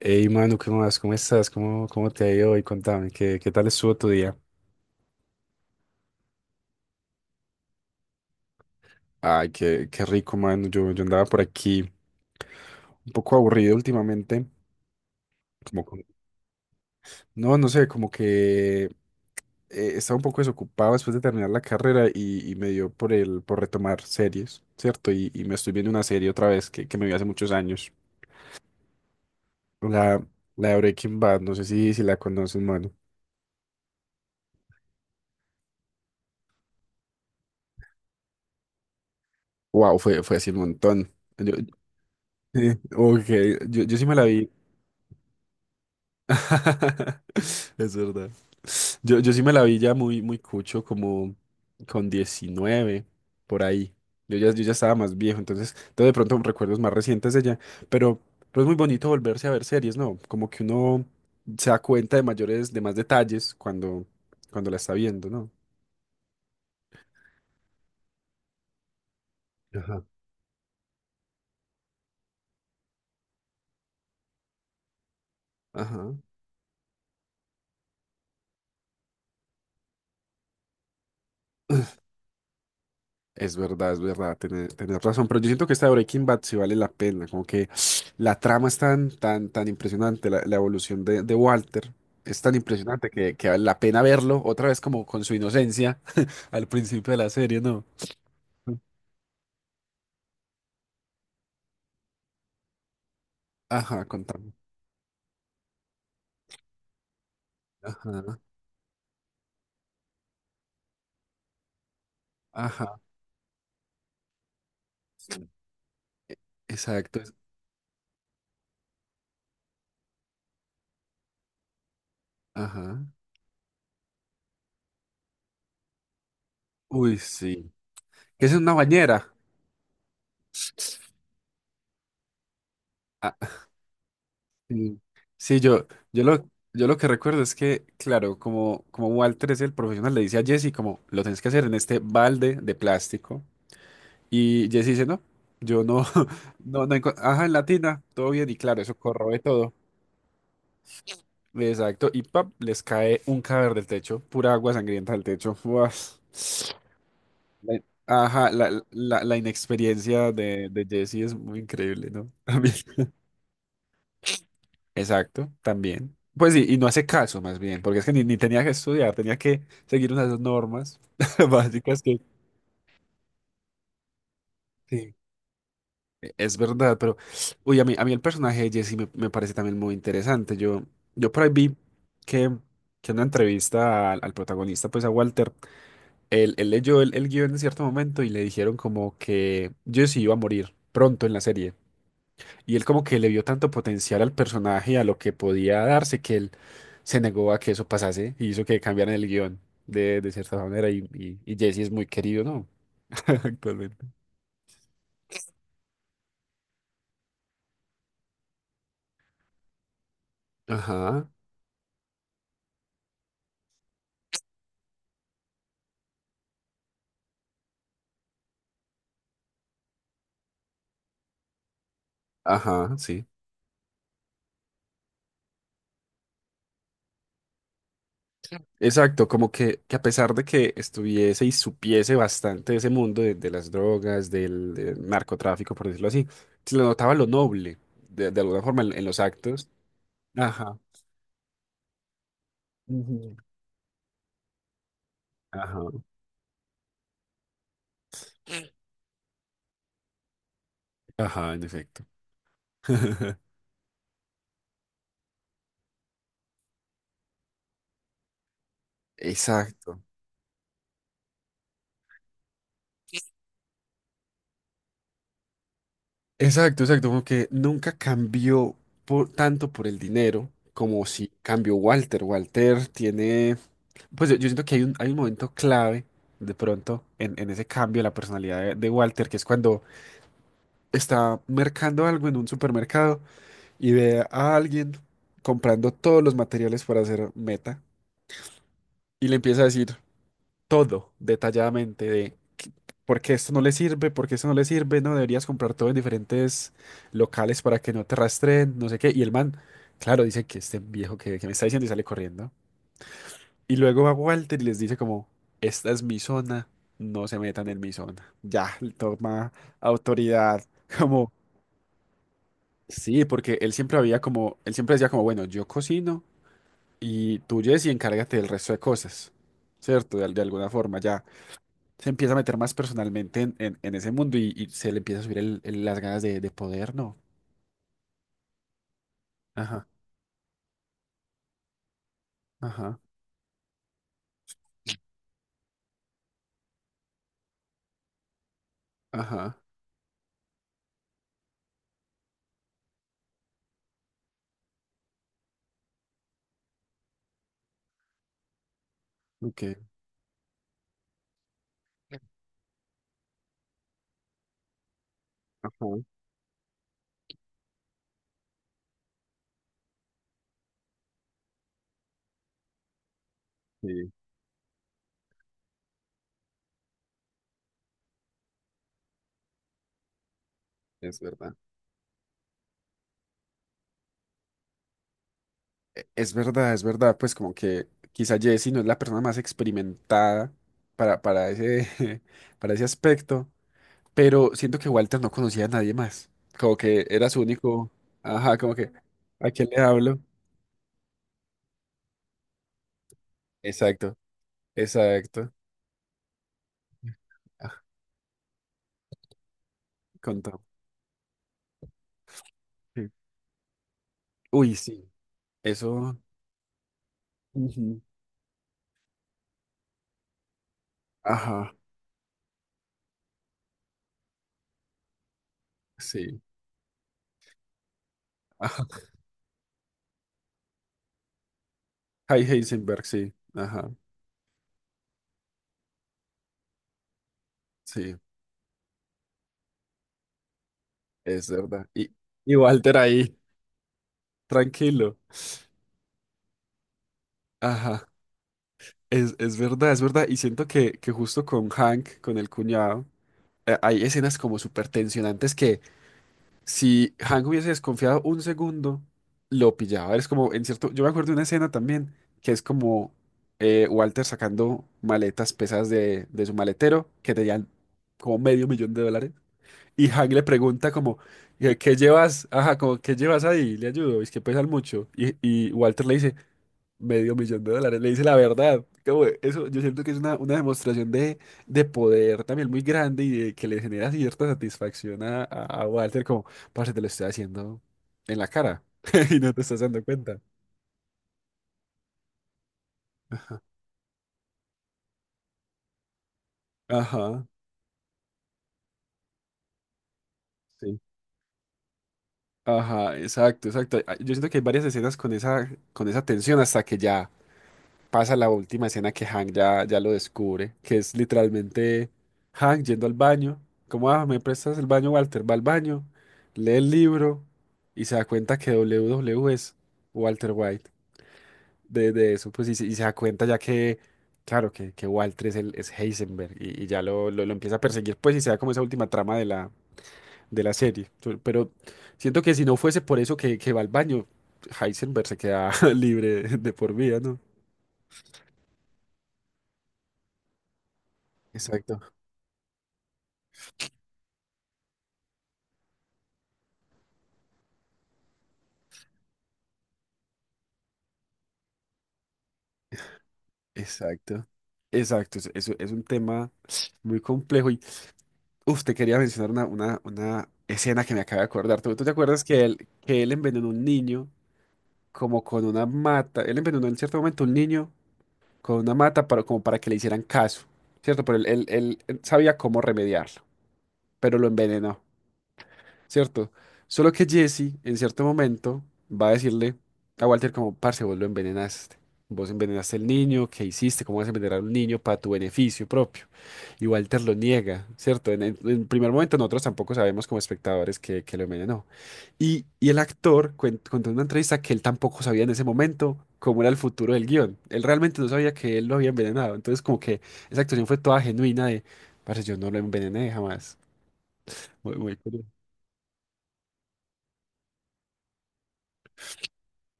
Hey, Manu, ¿qué más? ¿Cómo estás? ¿Cómo te ha ido hoy? Contame, ¿qué tal estuvo tu día? Ay, qué rico, Manu. Yo andaba por aquí un poco aburrido últimamente. Como con- No, no sé, como que estaba un poco desocupado después de terminar la carrera y me dio por retomar series, ¿cierto? Y me estoy viendo una serie otra vez que me vi hace muchos años. La, la de Breaking Bad, no sé si la conoces, Manu. Wow, fue así un montón. Yo- ok, yo sí me la vi. Es verdad. Yo sí me la vi ya muy, muy cucho, como con 19 por ahí. Yo ya estaba más viejo, entonces de pronto recuerdos más recientes de ella. Pero, pero es muy bonito volverse a ver series, ¿no? Como que uno se da cuenta de mayores, de más detalles cuando la está viendo, ¿no? Ajá. Ajá. Es verdad, tenés razón, pero yo siento que esta de Breaking Bad sí vale la pena, como que la trama es tan, tan, tan impresionante, la evolución de Walter es tan impresionante que vale la pena verlo otra vez como con su inocencia al principio de la serie, ¿no? Ajá, contame. Ajá, ajá, exacto, ajá. Uy, sí. Que es una bañera. Ah, sí, sí, yo lo, yo lo que recuerdo es que, claro, como Walter es el profesional, le dice a Jesse como, lo tenés que hacer en este balde de plástico. Y Jesse dice, no, yo no, no, no, ajá, en latina, todo bien, y claro, eso corroe todo. Exacto, y pap, les cae un cadáver del techo, pura agua sangrienta del techo. Uas. La- Ajá, la inexperiencia de Jesse es muy increíble, ¿no? También. Exacto, también. Pues sí, y no hace caso más bien, porque es que ni tenía que estudiar, tenía que seguir unas normas básicas que... Sí. Es verdad, pero... Uy, a mí el personaje de Jesse me parece también muy interesante. Yo por ahí vi que, que en una entrevista al protagonista, pues a Walter, él leyó el guión en cierto momento y le dijeron como que Jesse iba a morir pronto en la serie. Y él como que le vio tanto potencial al personaje, y a lo que podía darse, que él se negó a que eso pasase y hizo que cambiaran el guión de cierta manera. Y Jesse es muy querido, ¿no? Actualmente. Ajá, ajá, sí. Exacto, como que a pesar de que estuviese y supiese bastante de ese mundo de las drogas, del narcotráfico, por decirlo así, se le notaba lo noble, de alguna forma, en los actos. Ajá. Ujú. Ajá. Ajá, en efecto. Exacto. Exacto, exacto, como que nunca cambió tanto por el dinero como si cambió Walter. Walter tiene, pues yo siento que hay un momento clave de pronto en ese cambio de la personalidad de Walter, que es cuando está mercando algo en un supermercado y ve a alguien comprando todos los materiales para hacer meta y le empieza a decir, todo detalladamente por qué esto no le sirve, por qué esto no le sirve, no deberías comprar todo en diferentes locales para que no te rastreen, no sé qué. Y el man, claro, dice que este viejo que me está diciendo y sale corriendo. Y luego va Walter y les dice como, esta es mi zona, no se metan en mi zona. Ya, él toma autoridad, como, sí, porque él siempre había como, él siempre decía como, bueno, yo cocino y tú, Jesse, encárgate del resto de cosas, ¿cierto? De alguna forma, ya se empieza a meter más personalmente en ese mundo y se le empieza a subir las ganas de poder, ¿no? Ajá, ajá, ajá, ok, ajá, sí, es verdad. Es verdad, es verdad, pues como que quizá Jessie no es la persona más experimentada para ese, para ese aspecto, pero siento que Walter no conocía a nadie más, como que era su único, ajá, como que, ¿a quién le hablo? Exacto, exacto, ah, con Tom, sí. Uy, sí, eso... Ujú. Ajá, sí. Ajá. Hay Heisenberg, sí. Ajá, sí, es verdad. Y Walter ahí, tranquilo. Ajá, es verdad, es verdad. Y siento que justo con Hank, con el cuñado, hay escenas como súper tensionantes que si Hank hubiese desconfiado un segundo, lo pillaba. Es como, en cierto, yo me acuerdo de una escena también que es como Walter sacando maletas pesadas de su maletero que tenían como medio millón de dólares. Y Hank le pregunta como, ¿qué llevas? Ajá, como, ¿qué llevas ahí? Le ayudo, es que pesan mucho. Y Walter le dice, medio millón de dólares, le dice la verdad. Como, eso, yo siento que es una demostración de poder también muy grande y de que le genera cierta satisfacción a Walter, como, parce, te lo estoy haciendo en la cara y no te estás dando cuenta. Ajá, sí. Ajá, exacto, exacto. Ah, yo siento que hay varias escenas con esa tensión hasta que ya pasa la última escena que Hank ya lo descubre, que es literalmente Hank yendo al baño. Como, ah, me prestas el baño, Walter. Va al baño, lee el libro y se da cuenta que WW es Walter White. De eso, pues, y se da cuenta ya que, claro, que Walter es Heisenberg y ya lo empieza a perseguir, pues, y se da como esa última trama de la serie. Pero siento que si no fuese por eso que va al baño, Heisenberg se queda libre de por vida, ¿no? Exacto. Exacto, Exacto, es un tema muy complejo y, uf, te quería mencionar una escena que me acabo de acordar. ¿Tú te acuerdas que él envenenó a un niño como con una mata? Él envenenó en cierto momento a un niño con una mata para, como para que le hicieran caso, ¿cierto? Pero él sabía cómo remediarlo, pero lo envenenó. ¿Cierto? Solo que Jesse, en cierto momento, va a decirle a Walter como, parce, vos lo envenenaste. Vos envenenaste al niño, ¿qué hiciste? ¿Cómo vas a envenenar a un niño para tu beneficio propio? Y Walter lo niega, ¿cierto? En primer momento nosotros tampoco sabemos como espectadores que lo envenenó. Y el actor contó en una entrevista que él tampoco sabía en ese momento cómo era el futuro del guión. Él realmente no sabía que él lo había envenenado. Entonces como que esa actuación fue toda genuina de, parce, yo no lo envenené jamás. Muy, muy curioso.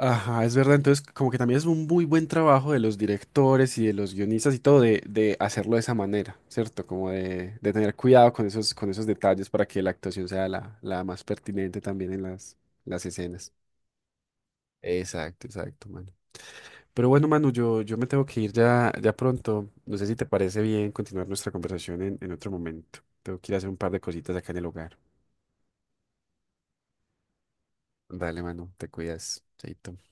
Ajá, es verdad. Entonces, como que también es un muy buen trabajo de los directores y de los guionistas y todo de hacerlo de esa manera, ¿cierto? Como de tener cuidado con esos detalles para que la actuación sea la más pertinente también en las escenas. Exacto, exacto, Manu. Pero bueno, Manu, yo me tengo que ir ya pronto. No sé si te parece bien continuar nuestra conversación en otro momento. Tengo que ir a hacer un par de cositas acá en el hogar. Dale, Manu, te cuidas. Chaito.